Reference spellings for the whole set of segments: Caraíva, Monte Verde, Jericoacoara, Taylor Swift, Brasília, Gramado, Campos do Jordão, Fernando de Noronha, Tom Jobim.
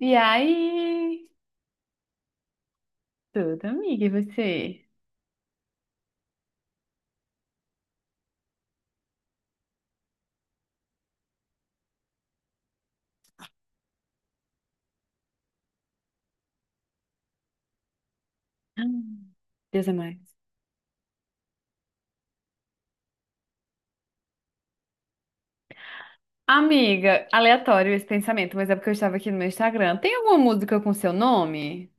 E aí? Tudo, amiga, e você? Hum. Deus é mais. Amiga, aleatório esse pensamento, mas é porque eu estava aqui no meu Instagram. Tem alguma música com seu nome?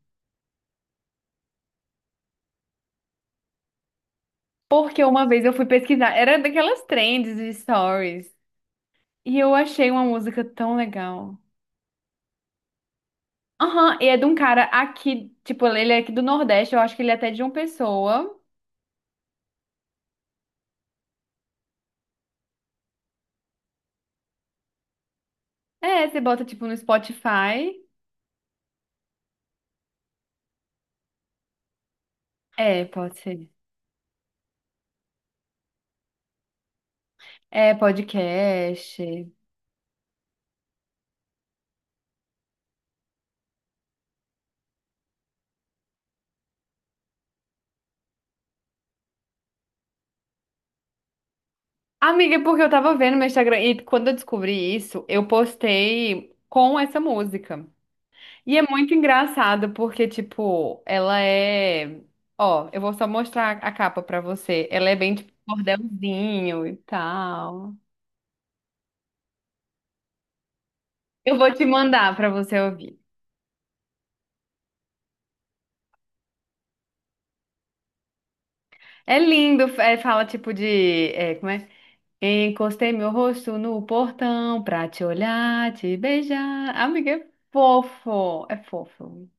Porque uma vez eu fui pesquisar, era daquelas trends de stories, e eu achei uma música tão legal. Aham, e é de um cara aqui, tipo, ele é aqui do Nordeste, eu acho que ele é até de uma pessoa. É, você bota tipo no Spotify. É, pode ser. É, podcast. Amiga, é porque eu tava vendo meu Instagram e quando eu descobri isso, eu postei com essa música. E é muito engraçado porque, tipo, ela é. Ó, eu vou só mostrar a capa pra você. Ela é bem, tipo, cordelzinho e tal. Eu vou te mandar pra você ouvir. É lindo, é, fala, tipo, de. É, como é? Encostei meu rosto no portão pra te olhar, te beijar. Amiga, é fofo, é fofo.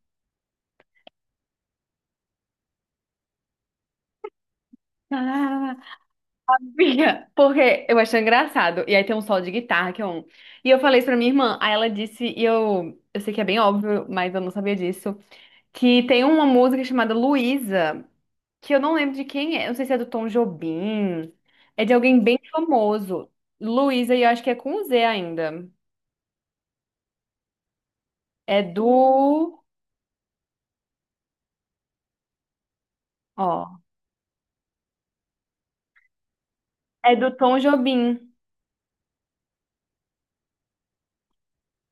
Minha, porque eu achei engraçado. E aí tem um solo de guitarra que é um. E eu falei isso pra minha irmã. Aí ela disse, e eu sei que é bem óbvio, mas eu não sabia disso, que tem uma música chamada Luísa, que eu não lembro de quem é. Eu não sei se é do Tom Jobim. É de alguém bem famoso. Luísa, e eu acho que é com Z ainda. É do. Ó. É do Tom Jobim.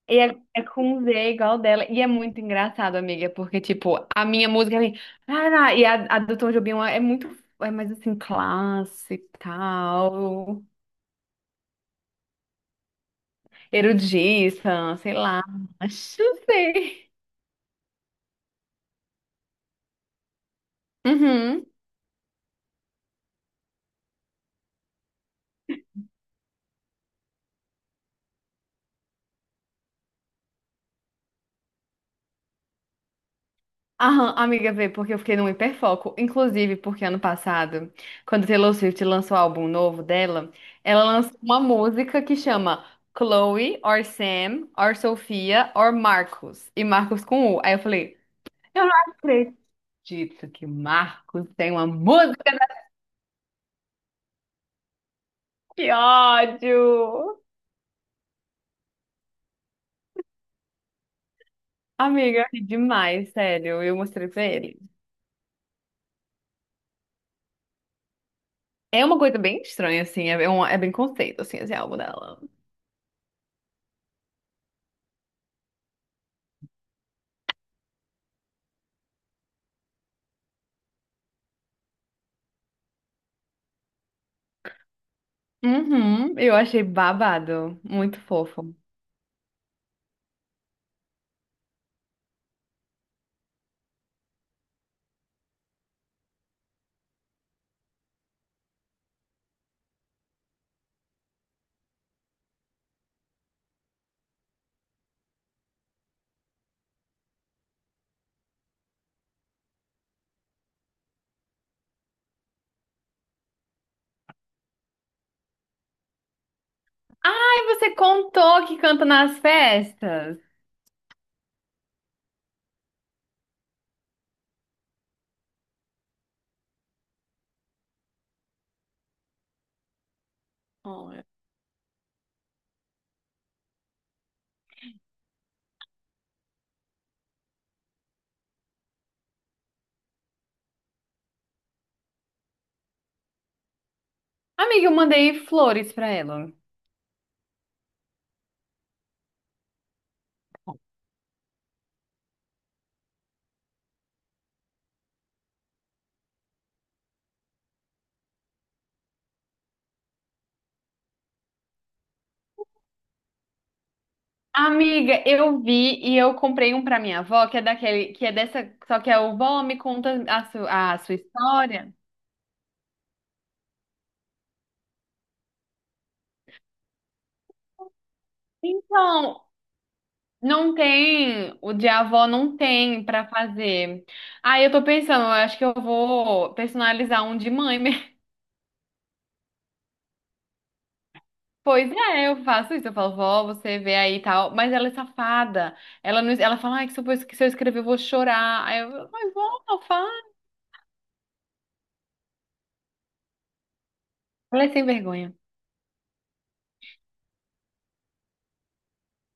E é com Z igual dela. E é muito engraçado, amiga, porque, tipo, a minha música é. Ah, não, e a do Tom Jobim é muito. É mais assim, clássica, e tal, erudita, sei lá. Acho, não sei. Uhum. Aham, amiga, vê, porque eu fiquei num hiperfoco. Inclusive, porque ano passado, quando Taylor Swift lançou o álbum novo dela, ela lançou uma música que chama Chloe, or Sam, or Sofia, or Marcos. E Marcos com U. Aí eu falei. Eu não acredito que Marcos tem uma música da. Que ódio! Amiga, eu ri demais, sério. Eu mostrei pra ele. É uma coisa bem estranha, assim. É bem conceito, assim, esse álbum dela. Uhum, eu achei babado. Muito fofo. Ai, você contou que canta nas festas? Oh, é. Amiga, eu mandei flores pra ela. Amiga, eu vi e eu comprei um pra minha avó, que é daquele, que é dessa, só que é o vó me conta a, a sua história. Então, não tem, o de avó não tem pra fazer. Aí eu tô pensando, eu acho que eu vou personalizar um de mãe mesmo. Pois é, eu faço isso, eu falo, vó, você vê aí e tal, mas ela é safada. Ela não, ela fala, ai, que se eu escrever eu vou chorar. Aí eu, mas vó, fala. Ela é sem vergonha.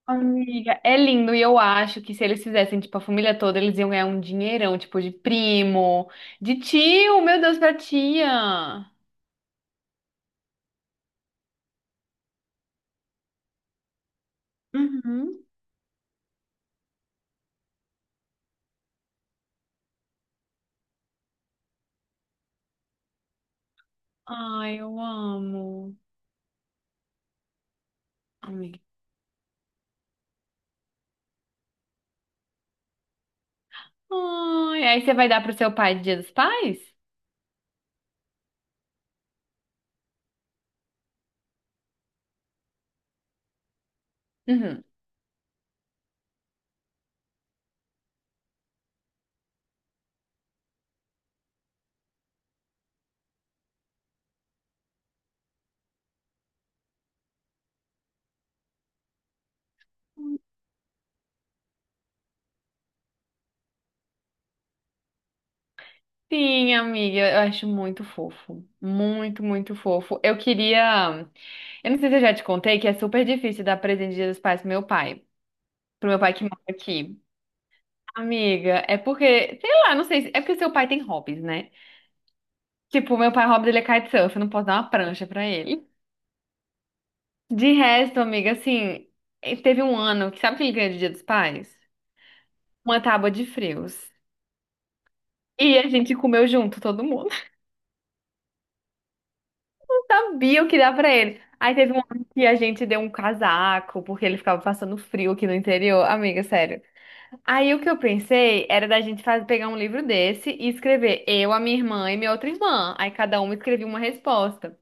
Amiga, é lindo e eu acho que se eles fizessem, tipo, a família toda, eles iam ganhar um dinheirão, tipo, de primo, de tio, meu Deus, pra tia. Uhum. Ai, eu amo. Amiga. Ai, aí você vai dar pro seu pai de Dia dos Pais? Uhum. Sim, amiga, eu acho muito fofo. Muito, muito fofo. Eu queria. Eu não sei se eu já te contei que é super difícil dar presente de Dia dos Pais pro meu pai. Pro meu pai que mora aqui. Amiga, é porque, sei lá, não sei, é porque seu pai tem hobbies, né? Tipo, meu pai, o hobby dele é kitesurf, eu não posso dar uma prancha pra ele. De resto, amiga, assim, teve um ano que sabe o que ele ganhou de Dia dos Pais? Uma tábua de frios. E a gente comeu junto, todo mundo. Sabia o que dá pra ele. Aí teve um ano que a gente deu um casaco, porque ele ficava passando frio aqui no interior. Amiga, sério. Aí o que eu pensei era da gente pegar um livro desse e escrever eu, a minha irmã e minha outra irmã. Aí cada uma escrevia uma resposta.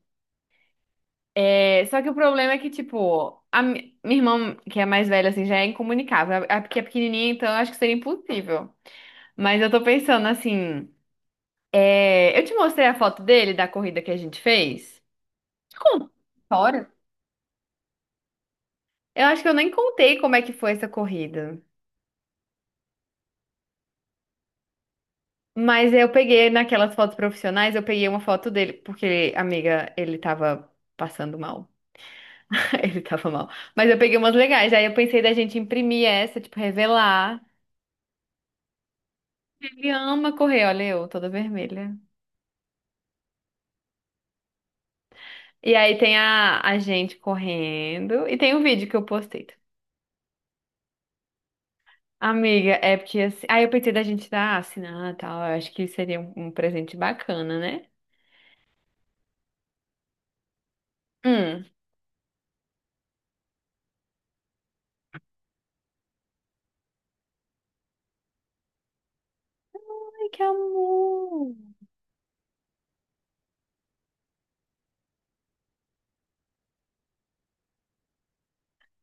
É, só que o problema é que, tipo, a minha irmã, que é mais velha, assim, já é incomunicável. A que é pequenininha, então eu acho que seria impossível. Mas eu tô pensando assim. Eu te mostrei a foto dele da corrida que a gente fez? Conta a história. Eu acho que eu nem contei como é que foi essa corrida. Mas eu peguei naquelas fotos profissionais, eu peguei uma foto dele, porque, amiga, ele tava passando mal. Ele tava mal. Mas eu peguei umas legais. Aí eu pensei da gente imprimir essa, tipo, revelar. Ele ama correr, olha eu, toda vermelha. E aí tem a gente correndo. E tem um vídeo que eu postei. Amiga, é porque assim. Aí eu pensei da gente dar assinar e tal. Eu acho que seria um presente bacana, né? Hum. Ai, que amor!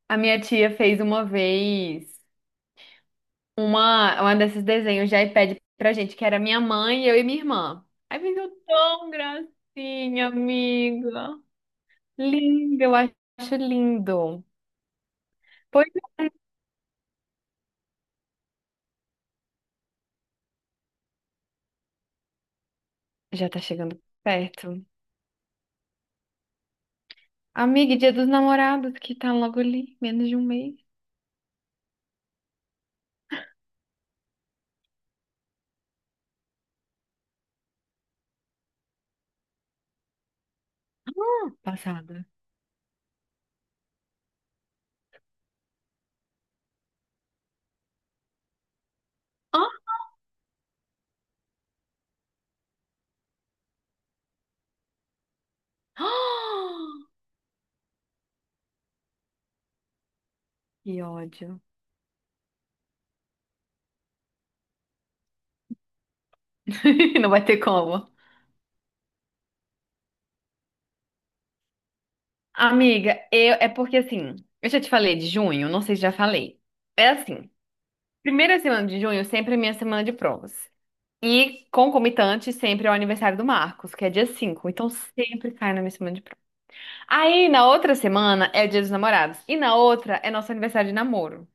A minha tia fez uma vez uma desses desenhos de iPad pra gente, que era minha mãe, eu e minha irmã. Aí ficou tão gracinha, amiga. Lindo, eu acho lindo. Pois é, já tá chegando perto. Amiga, e Dia dos Namorados, que tá logo ali, menos de um mês. Passada. Ah! Ah! Que ódio. Não vai ter como. Amiga, eu, é porque assim, eu já te falei de junho, não sei se já falei. É assim. Primeira semana de junho sempre é minha semana de provas. E concomitante sempre é o aniversário do Marcos, que é dia 5. Então sempre cai na minha semana de provas. Aí na outra semana é o dia dos namorados. E na outra é nosso aniversário de namoro.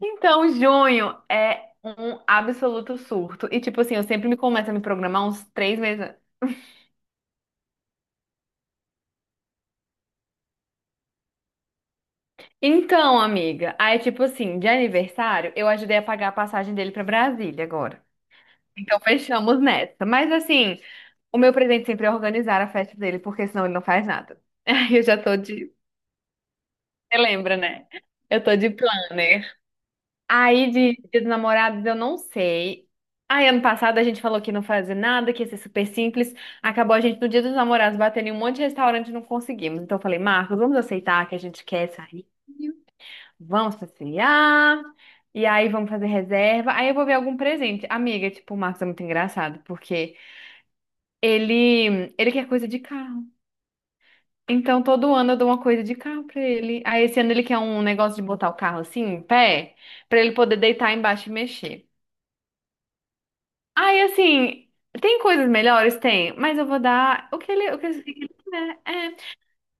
Então junho é um absoluto surto. E tipo assim, eu sempre me começo a me programar uns 3 meses antes. Então, amiga, aí tipo assim, de aniversário, eu ajudei a pagar a passagem dele pra Brasília agora. Então fechamos nessa. Mas assim. O meu presente sempre é organizar a festa dele, porque senão ele não faz nada. Aí eu já tô de. Você lembra, né? Eu tô de planner. Aí de Dia dos Namorados eu não sei. Aí ano passado a gente falou que não fazia nada, que ia ser super simples. Acabou a gente no Dia dos Namorados batendo em um monte de restaurante e não conseguimos. Então eu falei, Marcos, vamos aceitar que a gente quer sair. Vamos passear. E aí vamos fazer reserva. Aí eu vou ver algum presente. Amiga, tipo, o Marcos é muito engraçado, porque ele quer coisa de carro. Então, todo ano eu dou uma coisa de carro pra ele. Aí, esse ano ele quer um negócio de botar o carro assim, em pé, pra ele poder deitar embaixo e mexer. Aí, assim, tem coisas melhores? Tem, mas eu vou dar o que ele quiser. É.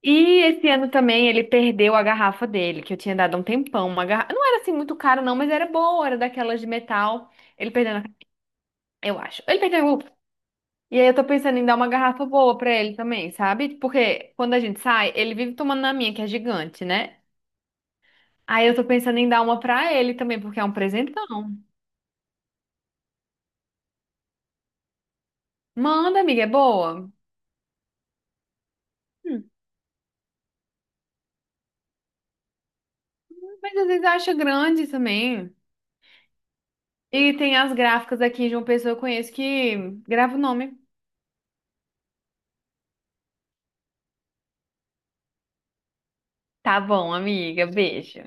E esse ano também ele perdeu a garrafa dele, que eu tinha dado há um tempão. Uma garrafa... Não era assim muito cara, não, mas era boa, era daquelas de metal. Ele perdeu, eu acho. Ele perdeu. E aí eu tô pensando em dar uma garrafa boa pra ele também, sabe? Porque quando a gente sai, ele vive tomando na minha, que é gigante, né? Aí eu tô pensando em dar uma pra ele também, porque é um presentão. Manda, amiga, é boa. Hum. Mas às vezes acha grande também. E tem as gráficas aqui de uma pessoa que eu conheço que grava o nome. Tá bom, amiga, beijo.